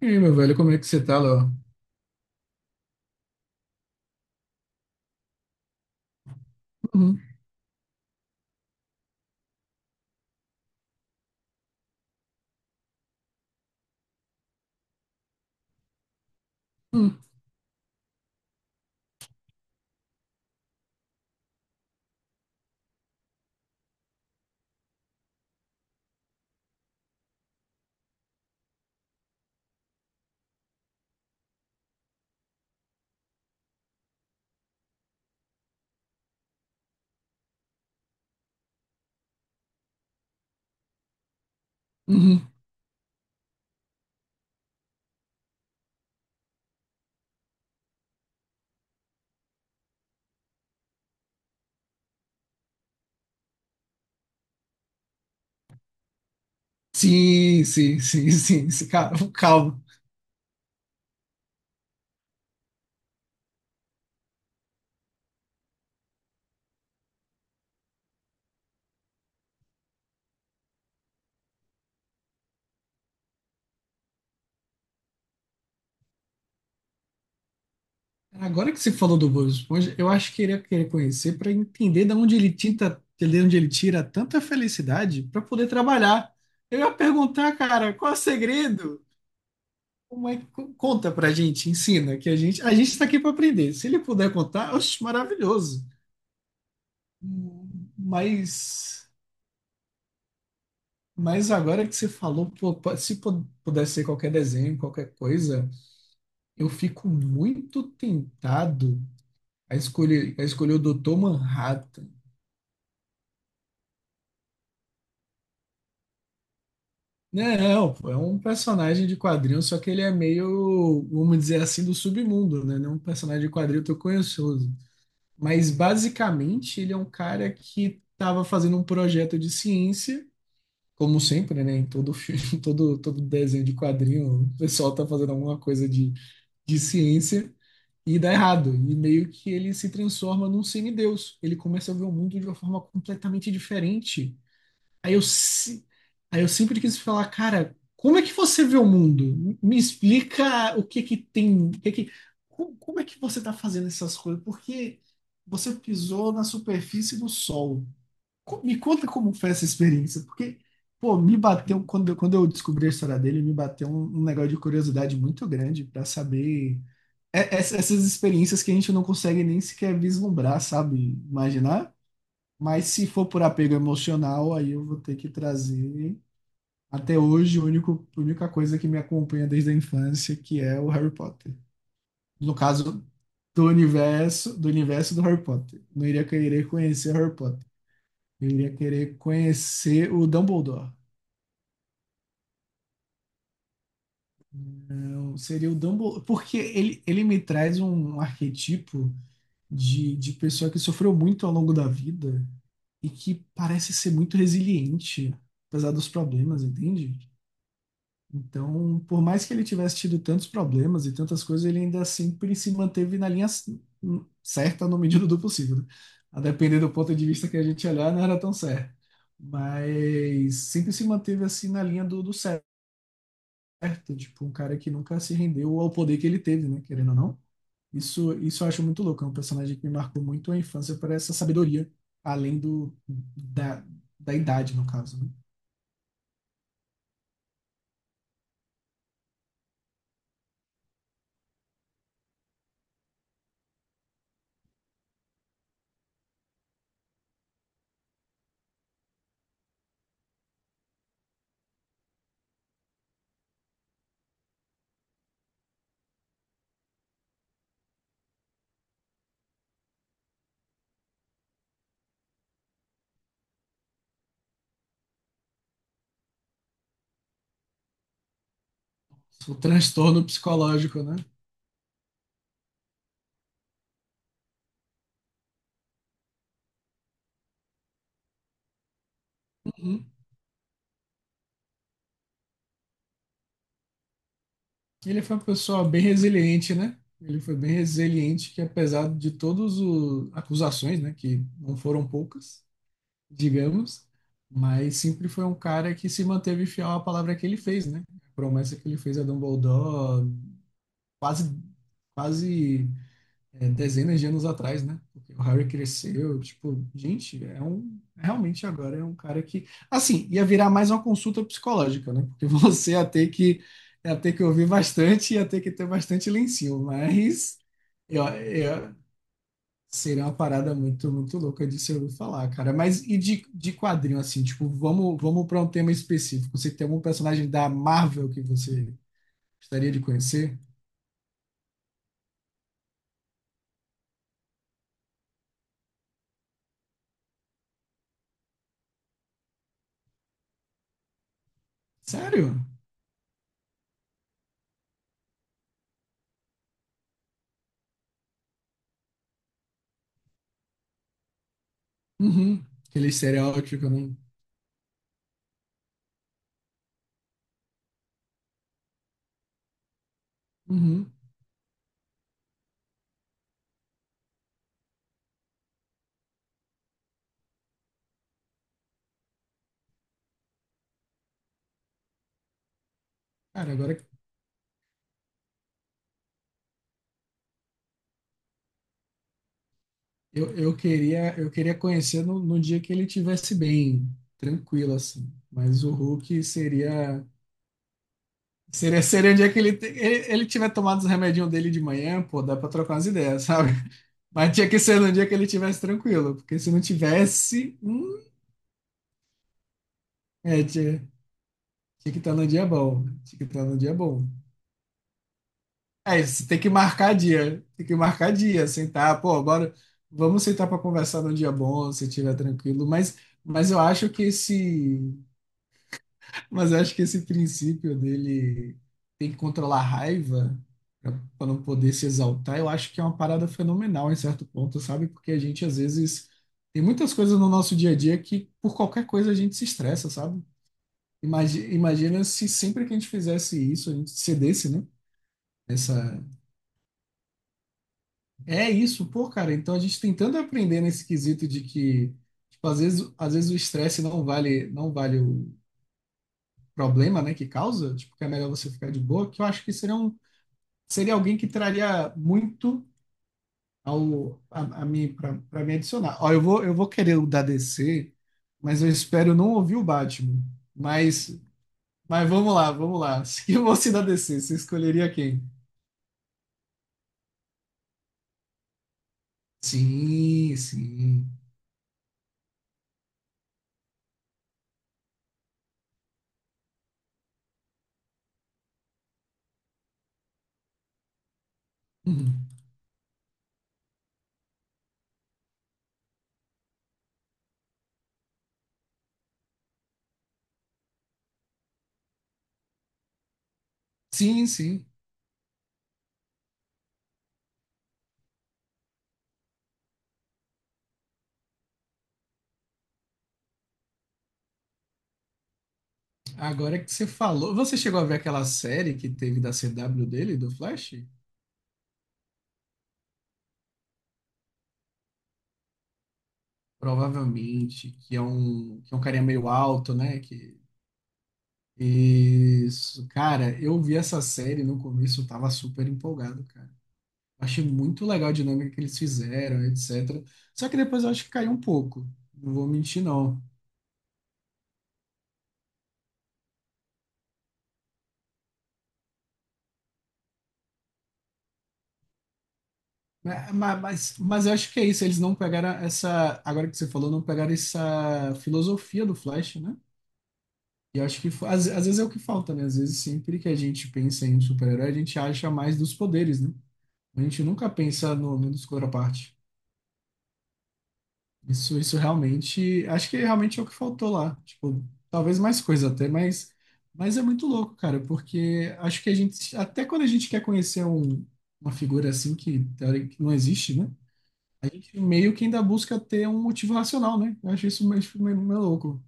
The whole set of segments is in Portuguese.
E aí, meu velho, como é que você tá, Léo? Uhum, uhum, uhum. Sim, sim, sim, sim, sim. Cara, calma. Agora que você falou do Bob Esponja, eu acho que ele ia querer conhecer para entender de onde ele tinta, de onde ele tira tanta felicidade para poder trabalhar. Eu ia perguntar, cara, qual é o segredo? Como é que conta pra gente, ensina, que a gente tá aqui para aprender. Se ele puder contar, oxe, maravilhoso. Mas Mas agora que você falou, pô, po- se pu- pudesse ser qualquer desenho, qualquer coisa, eu fico muito tentado a escolher o Dr. Manhattan. Não, pô, é um personagem de quadrinho, só que ele é meio, vamos dizer assim, do submundo, né? Não é um personagem de quadrinho tão conhecioso. Mas basicamente ele é um cara que estava fazendo um projeto de ciência, como sempre, né? Em todo filme, todo desenho de quadrinho, o pessoal tá fazendo alguma coisa de ciência. E dá errado. E meio que ele se transforma num semideus. Ele começa a ver o mundo de uma forma completamente diferente. Aí eu, se- aí eu sempre quis falar, cara, como é que você vê o mundo? Me explica o que que tem, o que que, como é que você está fazendo essas coisas? Porque você pisou na superfície do sol. Me conta como foi essa experiência, porque, pô, me bateu, quando eu descobri a história dele, me bateu um negócio de curiosidade muito grande para saber essas experiências que a gente não consegue nem sequer vislumbrar, sabe? Imaginar. Mas se for por apego emocional, aí eu vou ter que trazer. Até hoje, a única coisa que me acompanha desde a infância, que é o Harry Potter. No caso, do universo do Harry Potter. Não iria querer conhecer Harry Potter. Eu iria querer conhecer o Dumbledore. Não, seria o Dumbledore. Porque ele me traz um arquetipo de pessoa que sofreu muito ao longo da vida e que parece ser muito resiliente, apesar dos problemas, entende? Então, por mais que ele tivesse tido tantos problemas e tantas coisas, ele ainda sempre se manteve na linha certa na medida do possível. Né? A depender do ponto de vista que a gente olhar, não era tão certo. Mas sempre se manteve assim na linha do, do certo, tipo, um cara que nunca se rendeu ao poder que ele teve, né? Querendo ou não. Isso eu acho muito louco. É um personagem que me marcou muito a infância por essa sabedoria, além do, da, da idade, no caso, né? O transtorno psicológico, né? Uhum. Ele foi uma pessoa bem resiliente, né? Ele foi bem resiliente, que apesar de todas as acusações, né, que não foram poucas, digamos, mas sempre foi um cara que se manteve fiel à palavra que ele fez, né? A promessa que ele fez a Dumbledore, quase, quase dezenas de anos atrás, né? Porque o Harry cresceu, tipo, gente, é um realmente agora é um cara que, assim, ia virar mais uma consulta psicológica, né? Porque você ia ter que ouvir bastante, ia ter que ter bastante lencinho, mas eu, eu, seria uma parada muito muito louca de se ouvir falar, cara. Mas e de quadrinho assim, tipo, vamos para um tema específico. Você tem algum personagem da Marvel que você gostaria de conhecer? Sério? Uhum. Aquele estereótipo, né? Uhum. Cara, agora eu queria conhecer no, no dia que ele tivesse bem, tranquilo assim. Mas o Hulk seria seria o dia que ele tiver tomado os remedinhos dele de manhã, pô, dá pra trocar umas ideias, sabe? Mas tinha que ser no dia que ele tivesse tranquilo, porque se não tivesse, é, tinha que estar no dia bom, né? Tinha que estar no dia bom. É, você tem que marcar dia, tem que marcar dia, sentar, pô, agora vamos sentar para conversar num dia bom, se estiver tranquilo, mas eu acho que esse, mas eu acho que esse princípio dele tem que controlar a raiva para não poder se exaltar, eu acho que é uma parada fenomenal em certo ponto, sabe? Porque a gente às vezes tem muitas coisas no nosso dia a dia que por qualquer coisa a gente se estressa, sabe? Imagina se sempre que a gente fizesse isso, a gente cedesse, né? É isso, pô, cara. Então a gente tem tanto a aprender nesse quesito de que, tipo, às vezes o estresse não vale, não vale o problema, né, que causa, tipo, que é melhor você ficar de boa, que eu acho que seria alguém que traria muito a mim para me adicionar. Ó, eu vou querer o da DC, mas eu espero não ouvir o Batman. Mas mas vamos lá. Se eu fosse da DC, você escolheria quem? Sim, sim. Uhum. Sim, sim. Agora que você falou, você chegou a ver aquela série que teve da CW dele, do Flash? Provavelmente, que que é um carinha meio alto, né? Que, isso, cara, eu vi essa série no começo, eu tava super empolgado, cara. Achei muito legal a dinâmica que eles fizeram, etc. Só que depois eu acho que caiu um pouco, não vou mentir, não. Mas, mas eu acho que é isso, eles não pegaram essa, agora que você falou, não pegaram essa filosofia do Flash, né? E acho que às vezes é o que falta, né? Às vezes sempre que a gente pensa em super-herói, a gente acha mais dos poderes, né? A gente nunca pensa no, no dos contraparte. Isso realmente, acho que realmente é o que faltou lá. Tipo, talvez mais coisa até, mas é muito louco, cara, porque acho que a gente, até quando a gente quer uma figura assim que, que não existe, né? A gente meio que ainda busca ter um motivo racional, né? Eu acho isso meio, meio louco.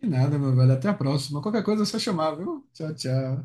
E nada, meu velho. Até a próxima. Qualquer coisa é só chamar, viu? Tchau, tchau.